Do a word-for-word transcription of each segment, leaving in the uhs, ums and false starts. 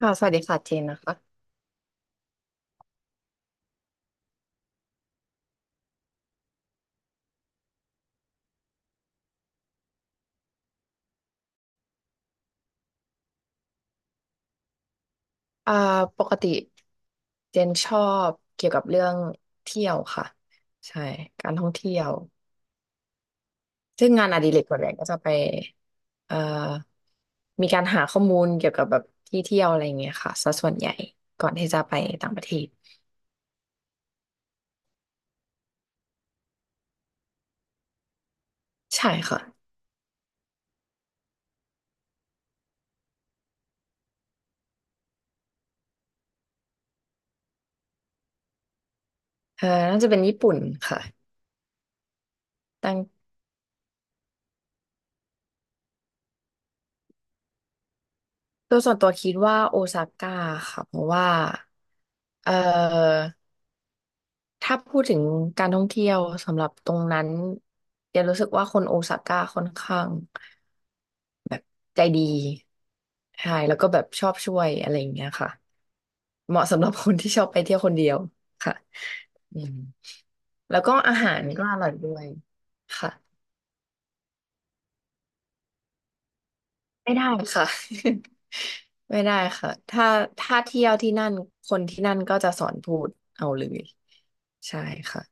ค่ะสวัสดีค่ะเจนนะคะอ่าปกติเจนชอบเกี่ยวกับเรื่องเที่ยวค่ะใช่การท่องเที่ยวซึ่งงานอดิเรกส่วนใหญ่ก็จะไปเอ่อมีการหาข้อมูลเกี่ยวกับแบบที่เที่ยวอะไรอย่างเงี้ยค่ะซะส่วนใหญ่ก่อนที่จะไปต่างประเทศใช่ค่ะเอ่อน่าจะเป็นญี่ปุ่นค่ะแต่ตัวส่วนตัวคิดว่าโอซาก้าค่ะเพราะว่าเออ ถ้าพูดถึงการท่องเที่ยวสำหรับตรงนั้นเดี๋ยวรู้สึกว่าคนโอซาก้าค่อนข้างใจดีใช่แล้วก็แบบชอบช่วยอะไรอย่างเงี้ยค่ะเหมาะสำหรับคนที่ชอบไปเที่ยวคนเดียวค่ะอืมแล้วก็อาหารก็อร่อยด้วยค่ะไม่ได้ค่ะ ไม่ได้ค่ะถ้าถ้าเที่ยวที่นั่นคนที่นั่นก็จะสอนพูดเอาเลยใช่ค่ะ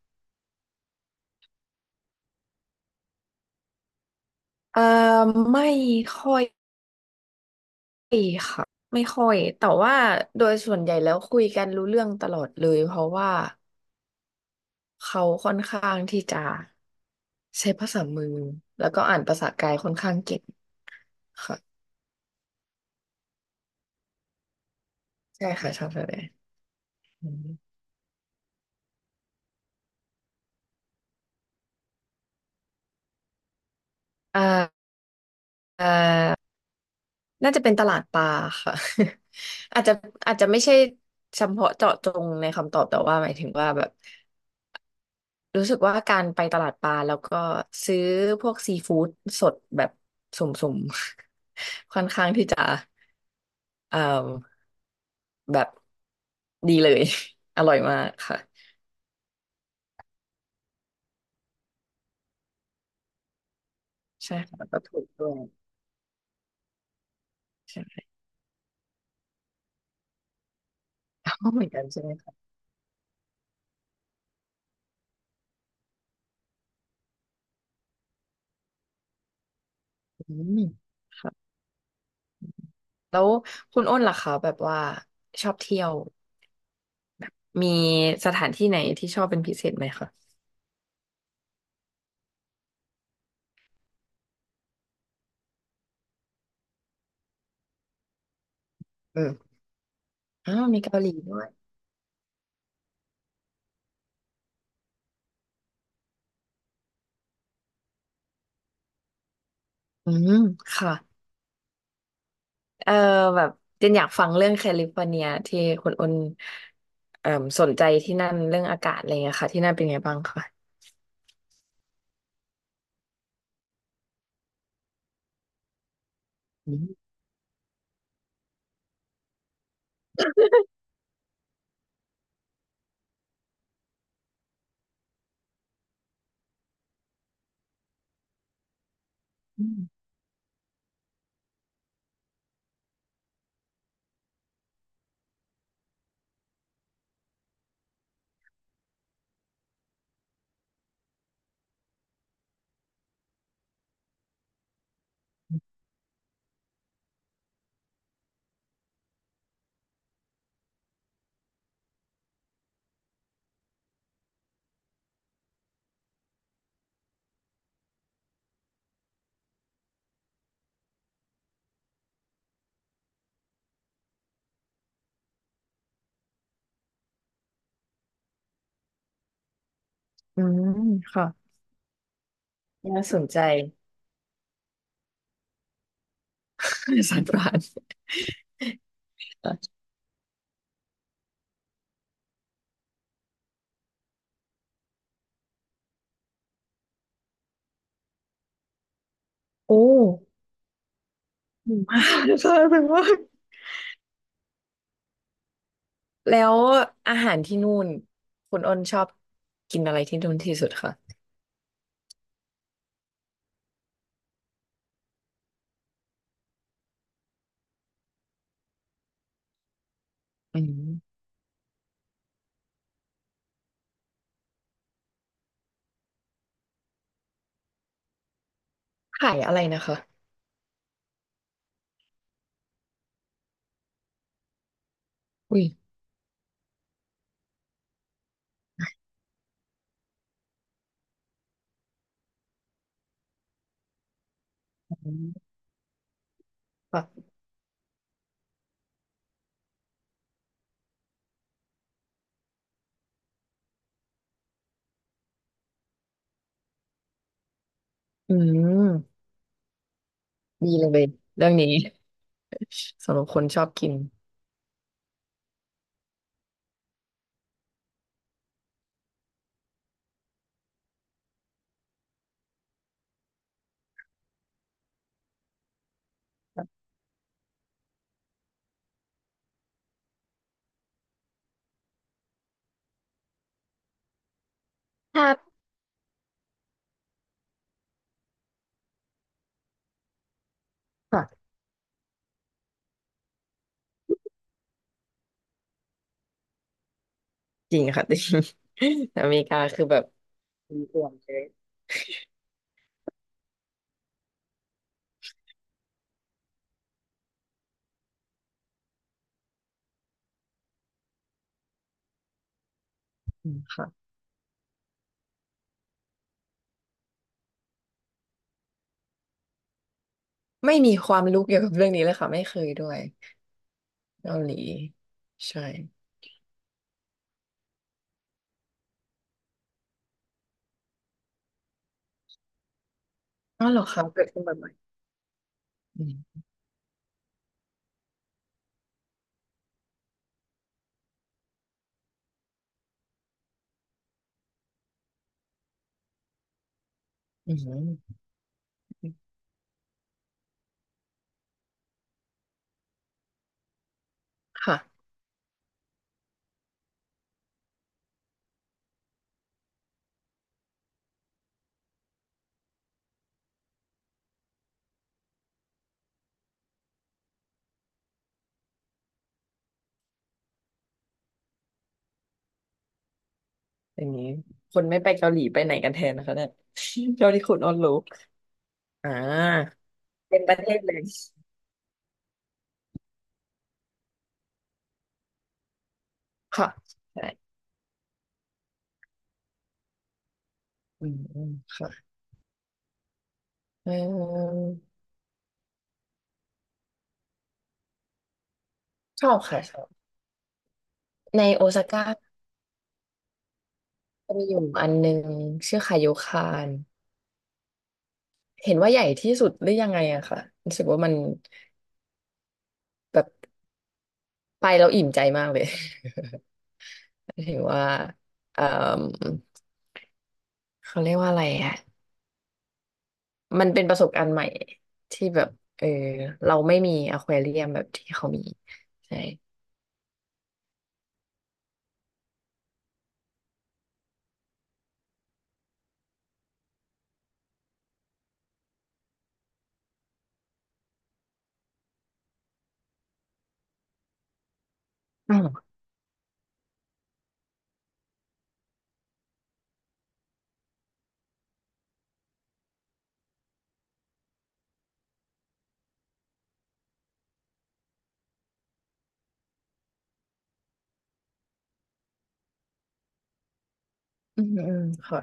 เอ่อไม่ค่อย ไม่ค่ะไม่ค่อยแต่ว่าโดยส่วนใหญ่แล้วคุยกันรู้เรื่องตลอดเลยเพราะว่าเขาค่อนข้างที่จะใช้ภาษามือแล้วก็อ่านภาษากายค่อนข้างเก่งค่ะใช่ค่ะชอบแบบนี้อืมอ่าอ่าน่าจะเป็นตลาดปลาค่ะ อาจจะอาจจะไม่ใช่เฉพาะเจาะจงในคำตอบแต่ว่าหมายถึงว่าแบบรู้สึกว่าการไปตลาดปลาแล้วก็ซื้อพวกซีฟู้ดสดแบบสุ่มๆ ค่อนข้างที่จะ เอ่อแบบดีเลย อร่อยมากค่ะใช่ค่ะแล้วก็ถูกด้วยใช่ อ๋อเหมือนกันใช่ไหมคะอืมค่ะแล้วคุณอ้นล่ะคะแบบว่าชอบเที่ยวมีสถานที่ไหนที่ชอบเป็นพิเศษไหมคะอืมอ้าวมีเกาหลีด้วยอืมค่ะเอ่อแบบเจนอยากฟังเรื่องแคลิฟอร์เนียที่คุณอ้นเอ่มสนใจที่นั่นเรื่องอากาศอะไรเงี้ยค่ะที่นั่นเป็นไงบ้างคะอืมอืมค่ะน่าสนใจ สารประหลาดโอ้หิวมากค่ะแบบว่าแล้วอาหารที่นู่นคุณอ้นชอบกินอะไรที่นู่นที่สุดคะอืมขายอะไรนะคะอุ้ยอืมค่ะอืมดีเลยเรื่องนี้สำหรับคนชอบกินครับค่ะจริงค่ะ จริงอเมริกาคือแบบมีอวดเลยอืมค่ะไม่มีความรู้เกี่ยวกับเรื่องนี้เลยค่ะไม่เคยด้วยเกาหลีใช่อ๋อเหรอคะเกิดขึ้นบ่อยๆ อืมค่ะอย่างนี้คนไม่ไปเกาหลีไปไหนกันแทนนะคะเนี่ย เกาหลีคุณออนลูกอ่าเป็นประเทศเลยค่ะใช่อืมอืมค่ะเออชอบค่ะชอบในโอซาก้าจะมีอยู่อันหนึ่งชื่อคาโยคานเห็นว่าใหญ่ที่สุดหรือยังไงอะค่ะรู้สึกว่ามันแบบไปแล้วอิ่มใจมากเลย ถึงว่าเอ่อเขาเรียกว่าอะไรอะ มันเป็นประสบการณ์ใหม่ที่แบบเออเราไม่มีอควาเรียมแบบที่เขามีใช่อ๋ออืมอืมค่ะ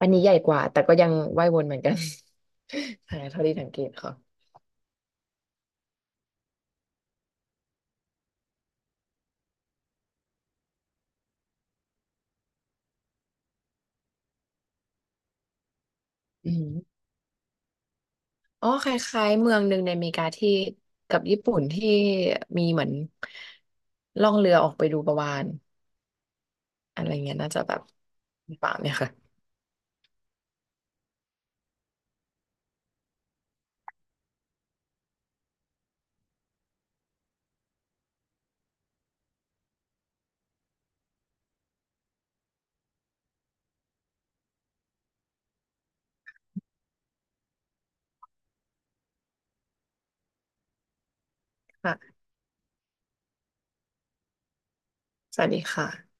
อันนี้ใหญ่กว่าแต่ก็ยังว่ายวนเหมือนกัน ใช่เท่าที่สังเกตค่ะอืมอ๋อคล้ายๆเมืองหนึ่งในอเมริกาที่กับญี่ปุ่นที่มีเหมือนล่องเรือออกไปดูปลาวาฬอะไรเงี้ยน่าจะแบบป่าเนี่ยค่ะค่ะสวัสดีค่ะ